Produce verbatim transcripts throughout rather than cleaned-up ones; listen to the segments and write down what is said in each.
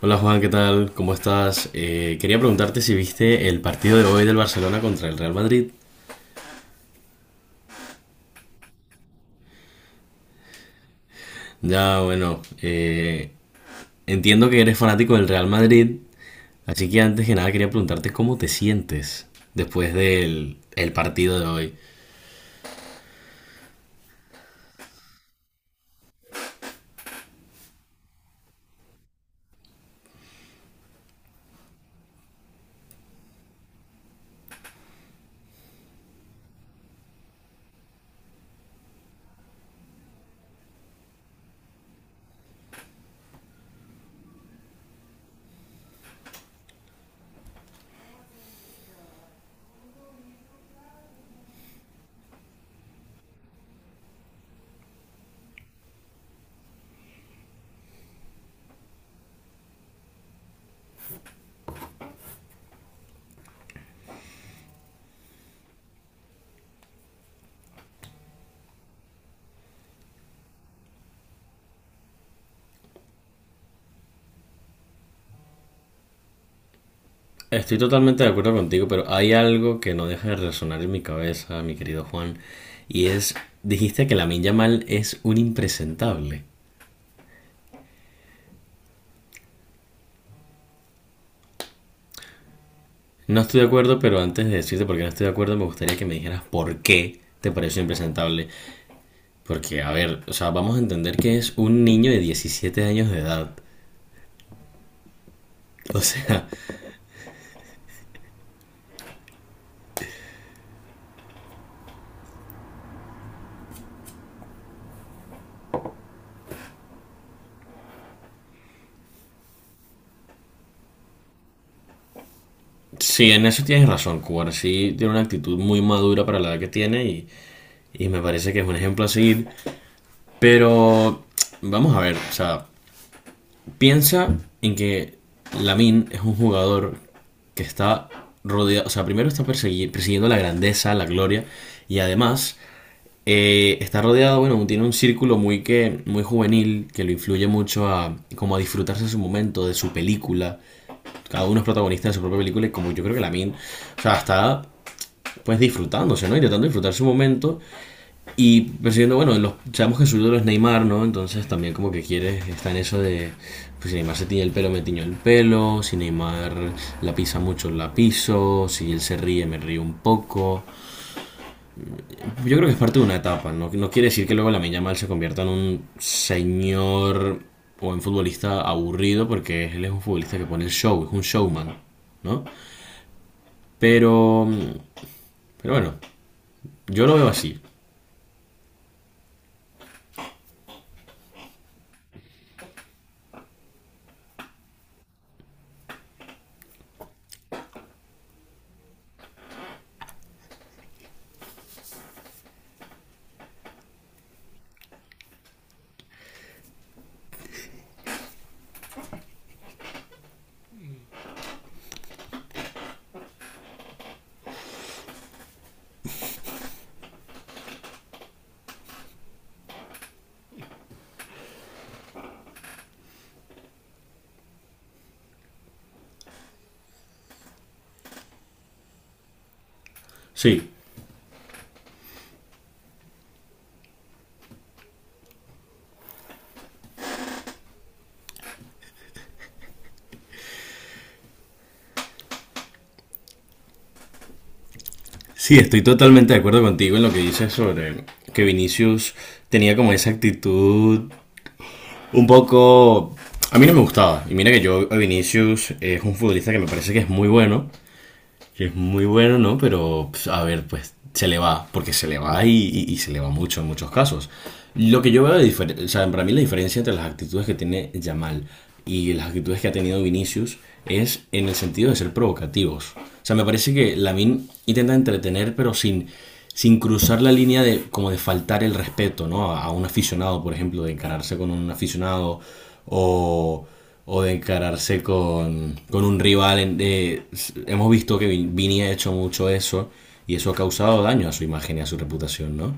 Hola Juan, ¿qué tal? ¿Cómo estás? Eh, quería preguntarte si viste el partido de hoy del Barcelona contra el Real Madrid. Ya, bueno, eh, entiendo que eres fanático del Real Madrid, así que antes que nada quería preguntarte cómo te sientes después del el partido de hoy. Estoy totalmente de acuerdo contigo, pero hay algo que no deja de resonar en mi cabeza, mi querido Juan, y es, dijiste que la Yamal es un impresentable. No estoy de acuerdo, pero antes de decirte por qué no estoy de acuerdo, me gustaría que me dijeras por qué te pareció impresentable. Porque, a ver, o sea, vamos a entender que es un niño de diecisiete años de edad. O sea, sí, en eso tienes razón, Cubar sí tiene una actitud muy madura para la edad que tiene y, y me parece que es un ejemplo a seguir. Pero, vamos a ver, o sea, piensa en que Lamin es un jugador que está rodeado, o sea, primero está persegui- persiguiendo la grandeza, la gloria, y además eh, está rodeado, bueno, tiene un círculo muy, que, muy juvenil que lo influye mucho a, como a disfrutarse de su momento, de su película. Cada uno es protagonista de su propia película y como yo creo que Lamin, o sea, está pues disfrutándose, ¿no? Intentando disfrutar su momento y persiguiendo, bueno, los, sabemos que su ídolo es Neymar, ¿no? Entonces también como que quiere, está en eso de, pues si Neymar se tiñe el pelo, me tiño el pelo, si Neymar la pisa mucho, la piso, si él se ríe, me río un poco. Yo creo que es parte de una etapa, ¿no? No quiere decir que luego la Yamal se convierta en un señor o en futbolista aburrido, porque él es un futbolista que pone el show, es un showman, ¿no? Pero, pero bueno, yo lo veo así. Sí, sí, estoy totalmente de acuerdo contigo en lo que dices sobre que Vinicius tenía como esa actitud un poco... A mí no me gustaba. Y mira que yo, a Vinicius es un futbolista que me parece que es muy bueno, que es muy bueno, ¿no? Pero, pues, a ver, pues se le va, porque se le va y, y- y se le va mucho en muchos casos. Lo que yo veo, de difer- o sea, para mí la diferencia entre las actitudes que tiene Yamal y las actitudes que ha tenido Vinicius es en el sentido de ser provocativos. O sea, me parece que Lamin intenta entretener, pero sin, sin cruzar la línea de como de faltar el respeto, ¿no? A, a un aficionado, por ejemplo, de encararse con un aficionado o o de encararse con, con un rival. Eh, hemos visto que Vin- Vini ha hecho mucho eso y eso ha causado daño a su imagen y a su reputación, ¿no?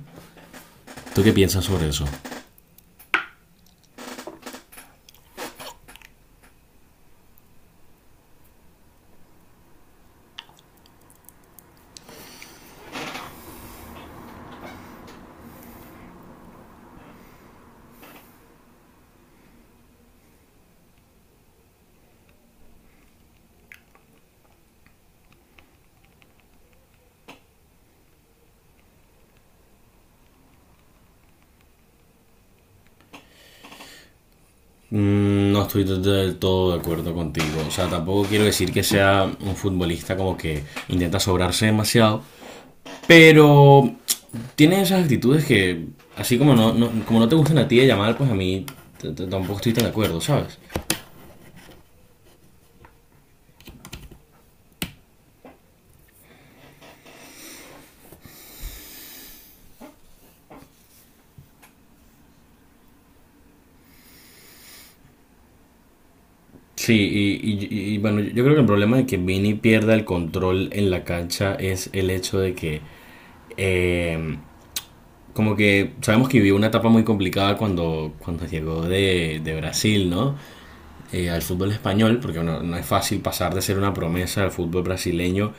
¿Tú qué piensas sobre eso? Mm, No estoy del todo de acuerdo contigo. O sea, tampoco quiero decir que sea un futbolista como que intenta sobrarse demasiado, pero tiene esas actitudes que, así como no, no- como no te gustan a ti de llamar, pues a mí tampoco estoy tan de acuerdo, ¿sabes? Sí, y, y- y- bueno, yo yo creo que el problema de que Vini pierda el control en la cancha es el hecho de que, eh, como que sabemos que vivió una etapa muy complicada cuando, cuando llegó de, de Brasil, ¿no? Eh, al fútbol español, porque bueno, no es fácil pasar de ser una promesa del fútbol brasileño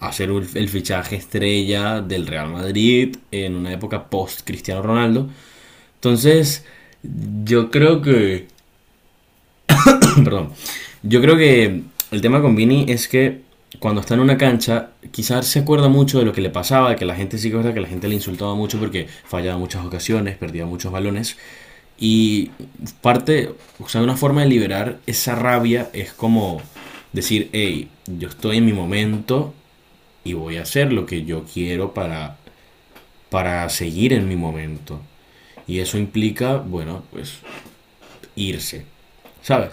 a ser un- el fichaje estrella del Real Madrid en una época post Cristiano Ronaldo. Entonces, yo creo que perdón. Yo creo que el tema con Vini es que cuando está en una cancha, quizás se acuerda mucho de lo que le pasaba, de que la gente sí que es verdad que la gente le insultaba mucho porque fallaba muchas ocasiones, perdía muchos balones. Y parte, o sea, una forma de liberar esa rabia es como decir, hey, yo estoy en mi momento y voy a hacer lo que yo quiero para, para seguir en mi momento. Y eso implica, bueno, pues irse, ¿sabes?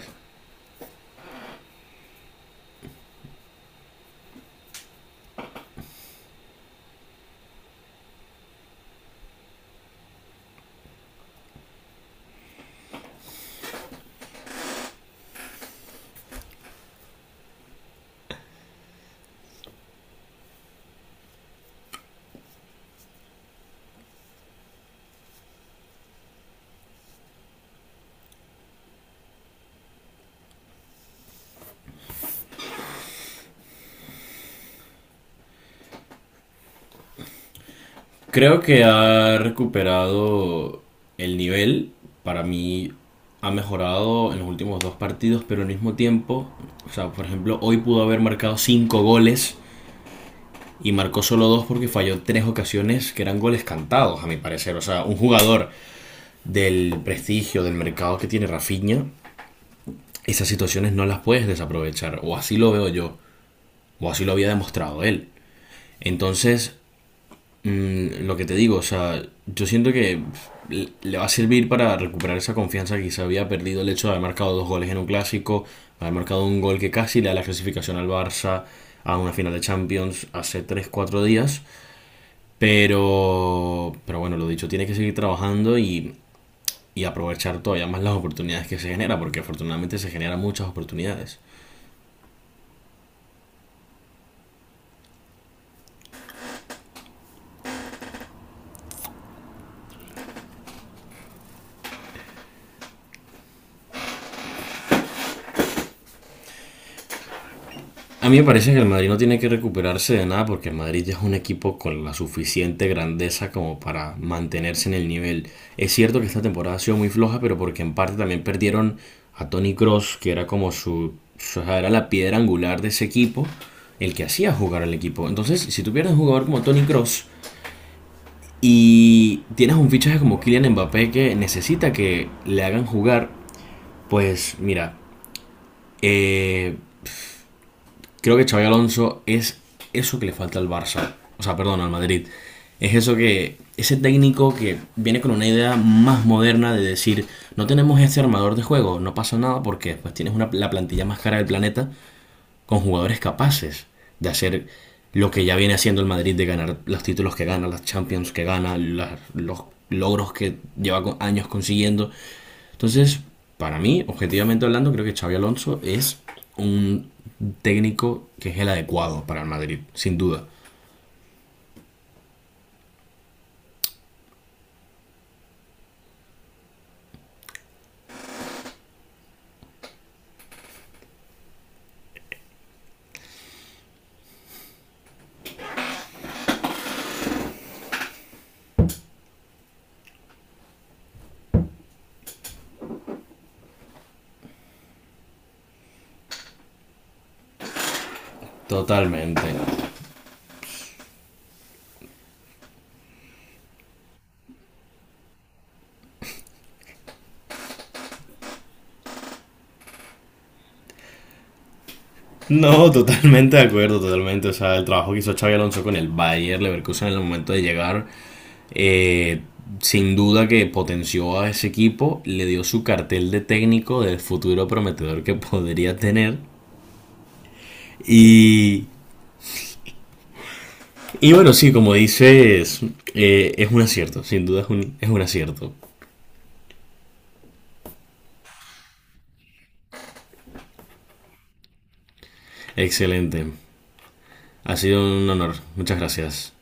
Creo que ha recuperado el nivel. Para mí ha mejorado en los últimos dos partidos, pero al mismo tiempo, o sea, por ejemplo, hoy pudo haber marcado cinco goles y marcó solo dos porque falló tres ocasiones que eran goles cantados, a mi parecer. O sea, un jugador del prestigio, del mercado que tiene Rafinha, esas situaciones no las puedes desaprovechar. O así lo veo yo, o así lo había demostrado él. Entonces, Mm, lo que te digo, o sea, yo siento que pf, le va a servir para recuperar esa confianza que se había perdido el hecho de haber marcado dos goles en un clásico, haber marcado un gol que casi le da la clasificación al Barça a una final de Champions hace tres cuatro días. Pero, pero bueno, lo dicho, tiene que seguir trabajando y, y aprovechar todavía más las oportunidades que se genera, porque afortunadamente se generan muchas oportunidades. A mí me parece que el Madrid no tiene que recuperarse de nada porque el Madrid ya es un equipo con la suficiente grandeza como para mantenerse en el nivel. Es cierto que esta temporada ha sido muy floja, pero porque en parte también perdieron a Toni Kroos, que era como su, su- era la piedra angular de ese equipo, el que hacía jugar al equipo. Entonces, si tú pierdes un jugador como Toni Kroos y tienes un fichaje como Kylian Mbappé que necesita que le hagan jugar, pues mira, eh, creo que Xabi Alonso es eso que le falta al Barça, o sea, perdón, al Madrid. Es eso que, ese técnico que viene con una idea más moderna de decir, no tenemos este armador de juego, no pasa nada porque pues tienes una, la plantilla más cara del planeta con jugadores capaces de hacer lo que ya viene haciendo el Madrid de ganar los títulos que gana, las Champions que gana, las- los logros que lleva co- años consiguiendo. Entonces, para mí, objetivamente hablando, creo que Xavi Alonso es un técnico que es el adecuado para el Madrid, sin duda. Totalmente. No, totalmente de acuerdo, totalmente. O sea, el trabajo que hizo Xavi Alonso con el Bayer Leverkusen en el momento de llegar, eh, sin duda que potenció a ese equipo, le dio su cartel de técnico del futuro prometedor que podría tener. Y, y bueno, sí, como dices, eh, es un acierto, sin duda es un, es un acierto. Excelente. Ha sido un honor. Muchas gracias.